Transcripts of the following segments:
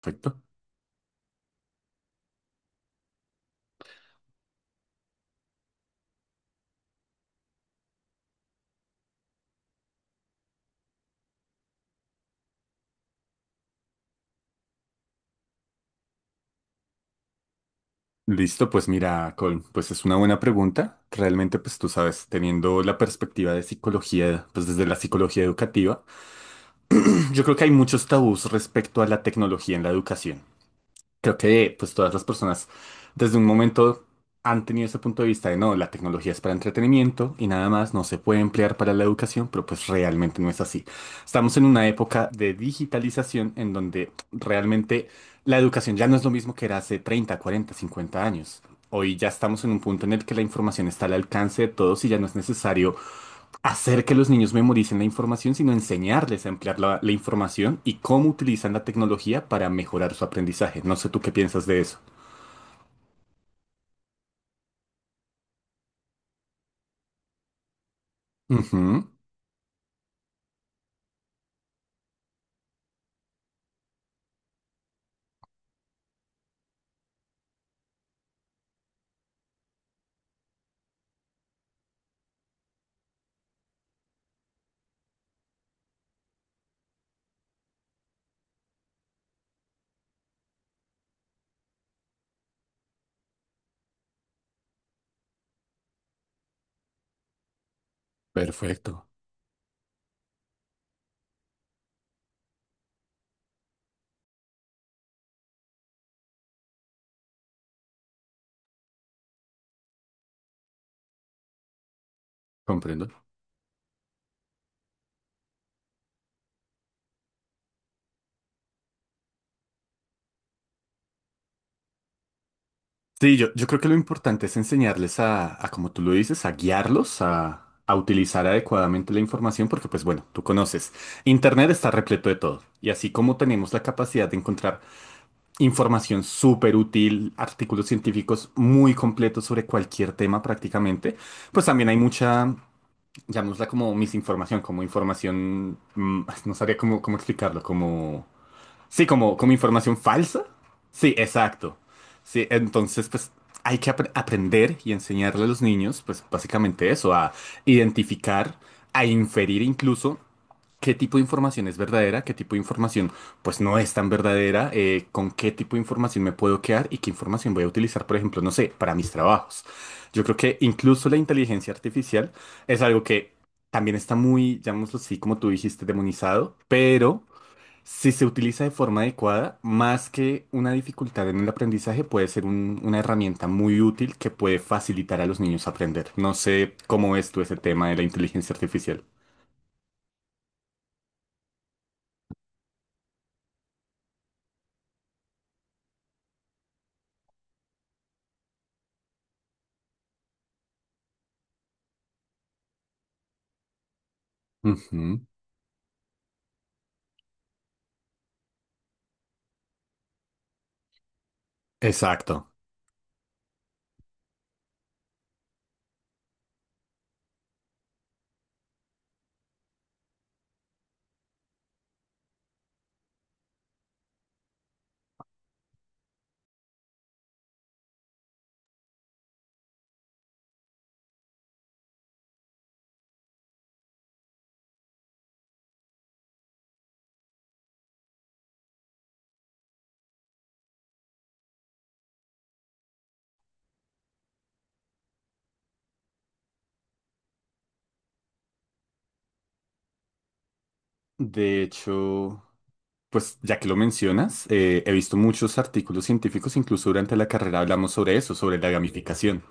Perfecto. Listo, pues mira, Colm, pues es una buena pregunta. Realmente, pues tú sabes, teniendo la perspectiva de psicología, pues desde la psicología educativa, yo creo que hay muchos tabús respecto a la tecnología en la educación. Creo que pues todas las personas desde un momento han tenido ese punto de vista de no, la tecnología es para entretenimiento y nada más, no se puede emplear para la educación, pero pues realmente no es así. Estamos en una época de digitalización en donde realmente la educación ya no es lo mismo que era hace 30 40 50 años. Hoy ya estamos en un punto en el que la información está al alcance de todos y ya no es necesario hacer que los niños memoricen la información, sino enseñarles a emplear la información y cómo utilizan la tecnología para mejorar su aprendizaje. No sé tú qué piensas de eso. Ujú, perfecto, comprendo. Sí, yo creo que lo importante es enseñarles a, como tú lo dices, a guiarlos, a utilizar adecuadamente la información, porque pues bueno, tú conoces, Internet está repleto de todo. Y así como tenemos la capacidad de encontrar información súper útil, artículos científicos muy completos sobre cualquier tema prácticamente. Pues también hay mucha, llamémosla como misinformación, como información, no sabría cómo, cómo explicarlo, como... Sí, como información falsa. Sí, exacto. Sí, entonces pues hay que aprender y enseñarle a los niños pues básicamente eso, a identificar, a inferir incluso qué tipo de información es verdadera, qué tipo de información pues no es tan verdadera, con qué tipo de información me puedo quedar y qué información voy a utilizar, por ejemplo, no sé, para mis trabajos. Yo creo que incluso la inteligencia artificial es algo que también está muy, llamémoslo así, como tú dijiste, demonizado, pero si se utiliza de forma adecuada, más que una dificultad en el aprendizaje, puede ser una herramienta muy útil que puede facilitar a los niños aprender. No sé cómo ves tú ese tema de la inteligencia artificial. Ujú, exacto. De hecho, pues ya que lo mencionas, he visto muchos artículos científicos, incluso durante la carrera hablamos sobre eso, sobre la gamificación.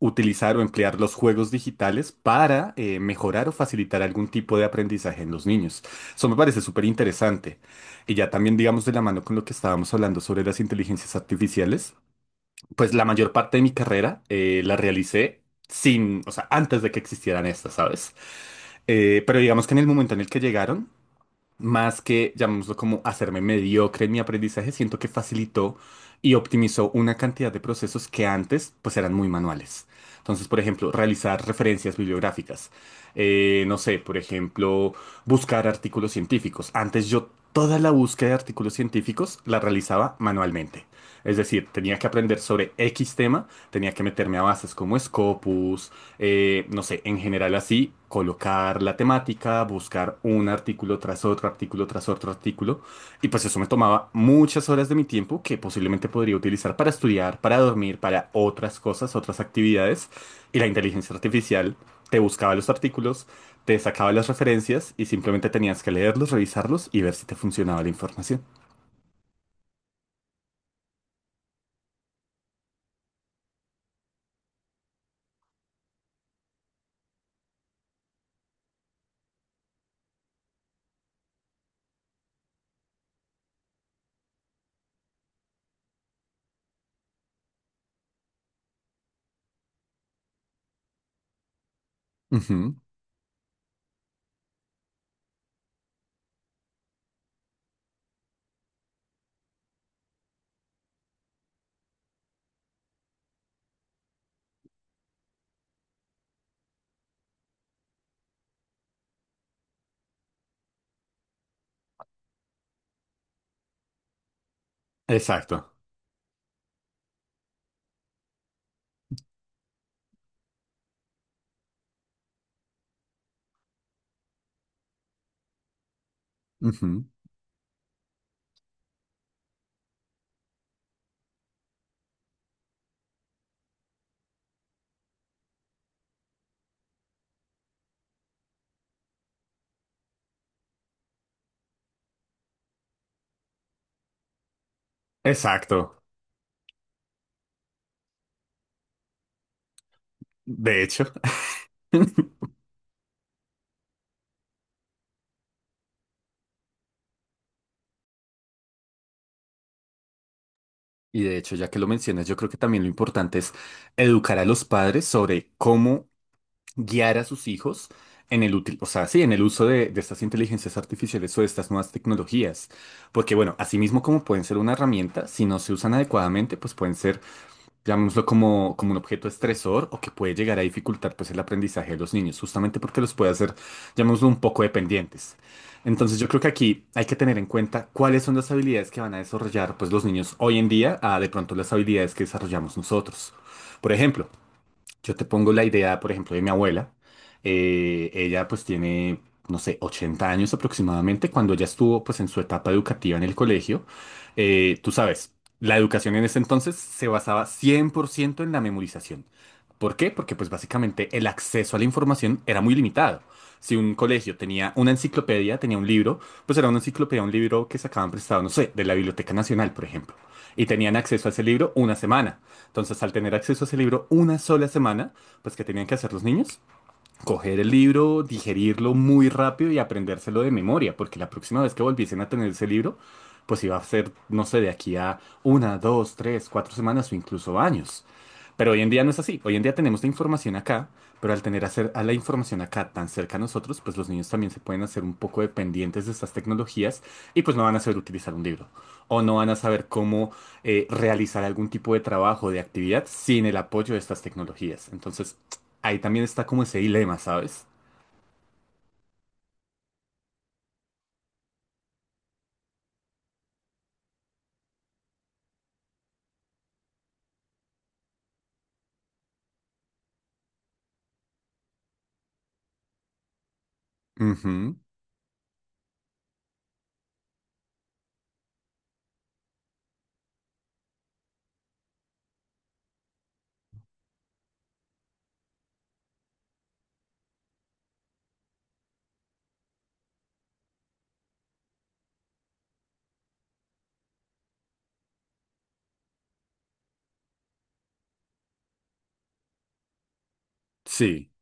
Utilizar o emplear los juegos digitales para mejorar o facilitar algún tipo de aprendizaje en los niños. Eso me parece súper interesante. Y ya también, digamos, de la mano con lo que estábamos hablando sobre las inteligencias artificiales, pues la mayor parte de mi carrera la realicé sin, o sea, antes de que existieran estas, ¿sabes? Pero digamos que en el momento en el que llegaron, más que, llamémoslo como hacerme mediocre en mi aprendizaje, siento que facilitó y optimizó una cantidad de procesos que antes pues eran muy manuales. Entonces, por ejemplo, realizar referencias bibliográficas. No sé, por ejemplo, buscar artículos científicos. Antes yo toda la búsqueda de artículos científicos la realizaba manualmente. Es decir, tenía que aprender sobre X tema, tenía que meterme a bases como Scopus, no sé, en general así, colocar la temática, buscar un artículo tras otro, artículo tras otro artículo. Y pues eso me tomaba muchas horas de mi tiempo que posiblemente podría utilizar para estudiar, para dormir, para otras cosas, otras actividades. Y la inteligencia artificial te buscaba los artículos, te sacaba las referencias y simplemente tenías que leerlos, revisarlos y ver si te funcionaba la información. Ujú, exacto. Ujú, exacto. De hecho. Y de hecho, ya que lo mencionas, yo creo que también lo importante es educar a los padres sobre cómo guiar a sus hijos en el útil, o sea, sí, en el uso de estas inteligencias artificiales o de estas nuevas tecnologías. Porque bueno, asimismo como pueden ser una herramienta, si no se usan adecuadamente, pues pueden ser llamémoslo como, como un objeto estresor o que puede llegar a dificultar pues el aprendizaje de los niños, justamente porque los puede hacer, llamémoslo un poco dependientes. Entonces yo creo que aquí hay que tener en cuenta cuáles son las habilidades que van a desarrollar pues los niños hoy en día a de pronto las habilidades que desarrollamos nosotros. Por ejemplo, yo te pongo la idea, por ejemplo, de mi abuela. Ella pues tiene, no sé, 80 años aproximadamente. Cuando ella estuvo pues en su etapa educativa en el colegio, tú sabes, la educación en ese entonces se basaba 100% en la memorización. ¿Por qué? Porque pues básicamente el acceso a la información era muy limitado. Si un colegio tenía una enciclopedia, tenía un libro, pues era una enciclopedia, un libro que sacaban prestado, no sé, de la Biblioteca Nacional, por ejemplo. Y tenían acceso a ese libro una semana. Entonces, al tener acceso a ese libro una sola semana, pues ¿qué tenían que hacer los niños? Coger el libro, digerirlo muy rápido y aprendérselo de memoria, porque la próxima vez que volviesen a tener ese libro, pues iba a ser, no sé, de aquí a una, dos, tres, cuatro semanas o incluso años. Pero hoy en día no es así. Hoy en día tenemos la información acá, pero al tener hacer a la información acá tan cerca a nosotros, pues los niños también se pueden hacer un poco dependientes de estas tecnologías y pues no van a saber utilizar un libro o no van a saber cómo realizar algún tipo de trabajo, de actividad sin el apoyo de estas tecnologías. Entonces, ahí también está como ese dilema, ¿sabes? Ujú, sí.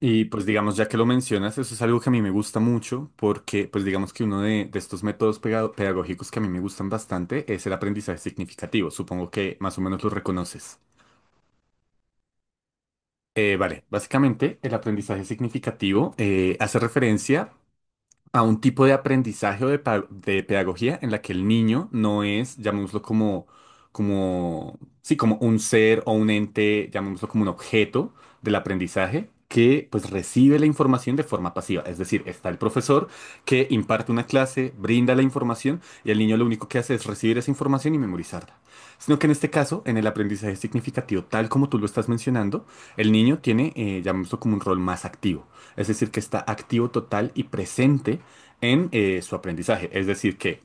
Y pues digamos, ya que lo mencionas, eso es algo que a mí me gusta mucho porque pues digamos que uno de estos métodos pedagógicos que a mí me gustan bastante es el aprendizaje significativo. Supongo que más o menos lo reconoces. Vale, básicamente el aprendizaje significativo hace referencia a un tipo de aprendizaje o de, de pedagogía en la que el niño no es, llamémoslo como, como, sí, como un ser o un ente, llamémoslo como un objeto del aprendizaje. Que pues recibe la información de forma pasiva. Es decir, está el profesor que imparte una clase, brinda la información y el niño lo único que hace es recibir esa información y memorizarla. Sino que en este caso, en el aprendizaje significativo, tal como tú lo estás mencionando, el niño tiene, llamémoslo como un rol más activo. Es decir, que está activo total y presente en su aprendizaje. Es decir, que,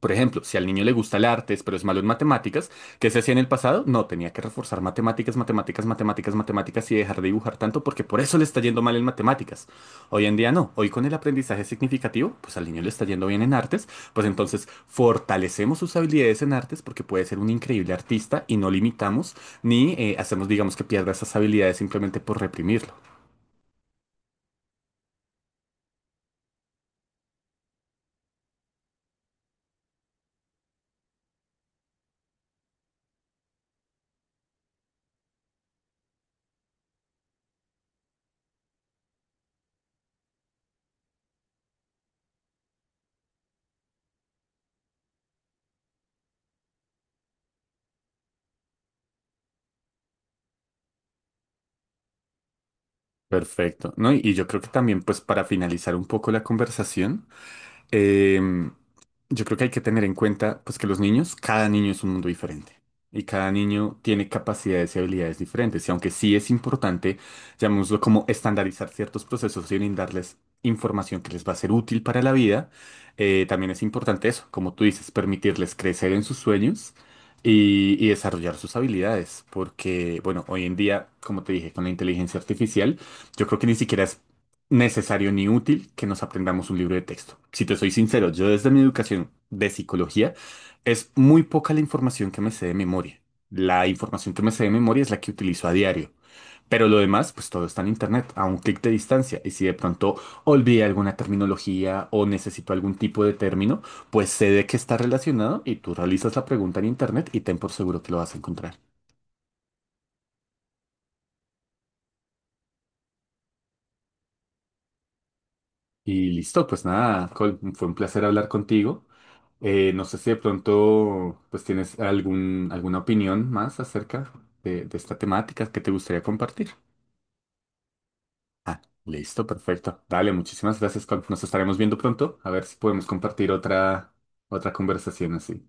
por ejemplo, si al niño le gusta el artes, pero es malo en matemáticas, ¿qué se hacía en el pasado? No, tenía que reforzar matemáticas, matemáticas, matemáticas, matemáticas y dejar de dibujar tanto porque por eso le está yendo mal en matemáticas. Hoy en día no. Hoy con el aprendizaje significativo, pues al niño le está yendo bien en artes, pues entonces fortalecemos sus habilidades en artes porque puede ser un increíble artista y no limitamos ni hacemos, digamos, que pierda esas habilidades simplemente por reprimirlo. Perfecto, ¿no? Y yo creo que también, pues para finalizar un poco la conversación, Em, yo creo que hay que tener en cuenta, pues, que los niños, cada niño es un mundo diferente. Y cada niño tiene capacidades y habilidades diferentes. Y aunque sí es importante, llamémoslo como estandarizar ciertos procesos y brindarles información que les va a ser útil para la vida, también es importante eso, como tú dices, permitirles crecer en sus sueños y desarrollar sus habilidades. Porque, bueno, hoy en día, como te dije, con la inteligencia artificial, yo creo que ni siquiera es necesario ni útil que nos aprendamos un libro de texto. Si te soy sincero, yo desde mi educación de psicología es muy poca la información que me sé de memoria. La información que me sé de memoria es la que utilizo a diario. Pero lo demás, pues todo está en internet, a un clic de distancia. Y si de pronto olvidé alguna terminología o necesito algún tipo de término, pues sé de qué está relacionado y tú realizas la pregunta en internet y ten por seguro que lo vas a encontrar. Y listo, pues nada, Col, fue un placer hablar contigo. No sé si de pronto pues tienes algún, alguna opinión más acerca de esta temática que te gustaría compartir. Ah, listo, perfecto. Dale, muchísimas gracias. Col. Nos estaremos viendo pronto. A ver si podemos compartir otra, otra conversación así.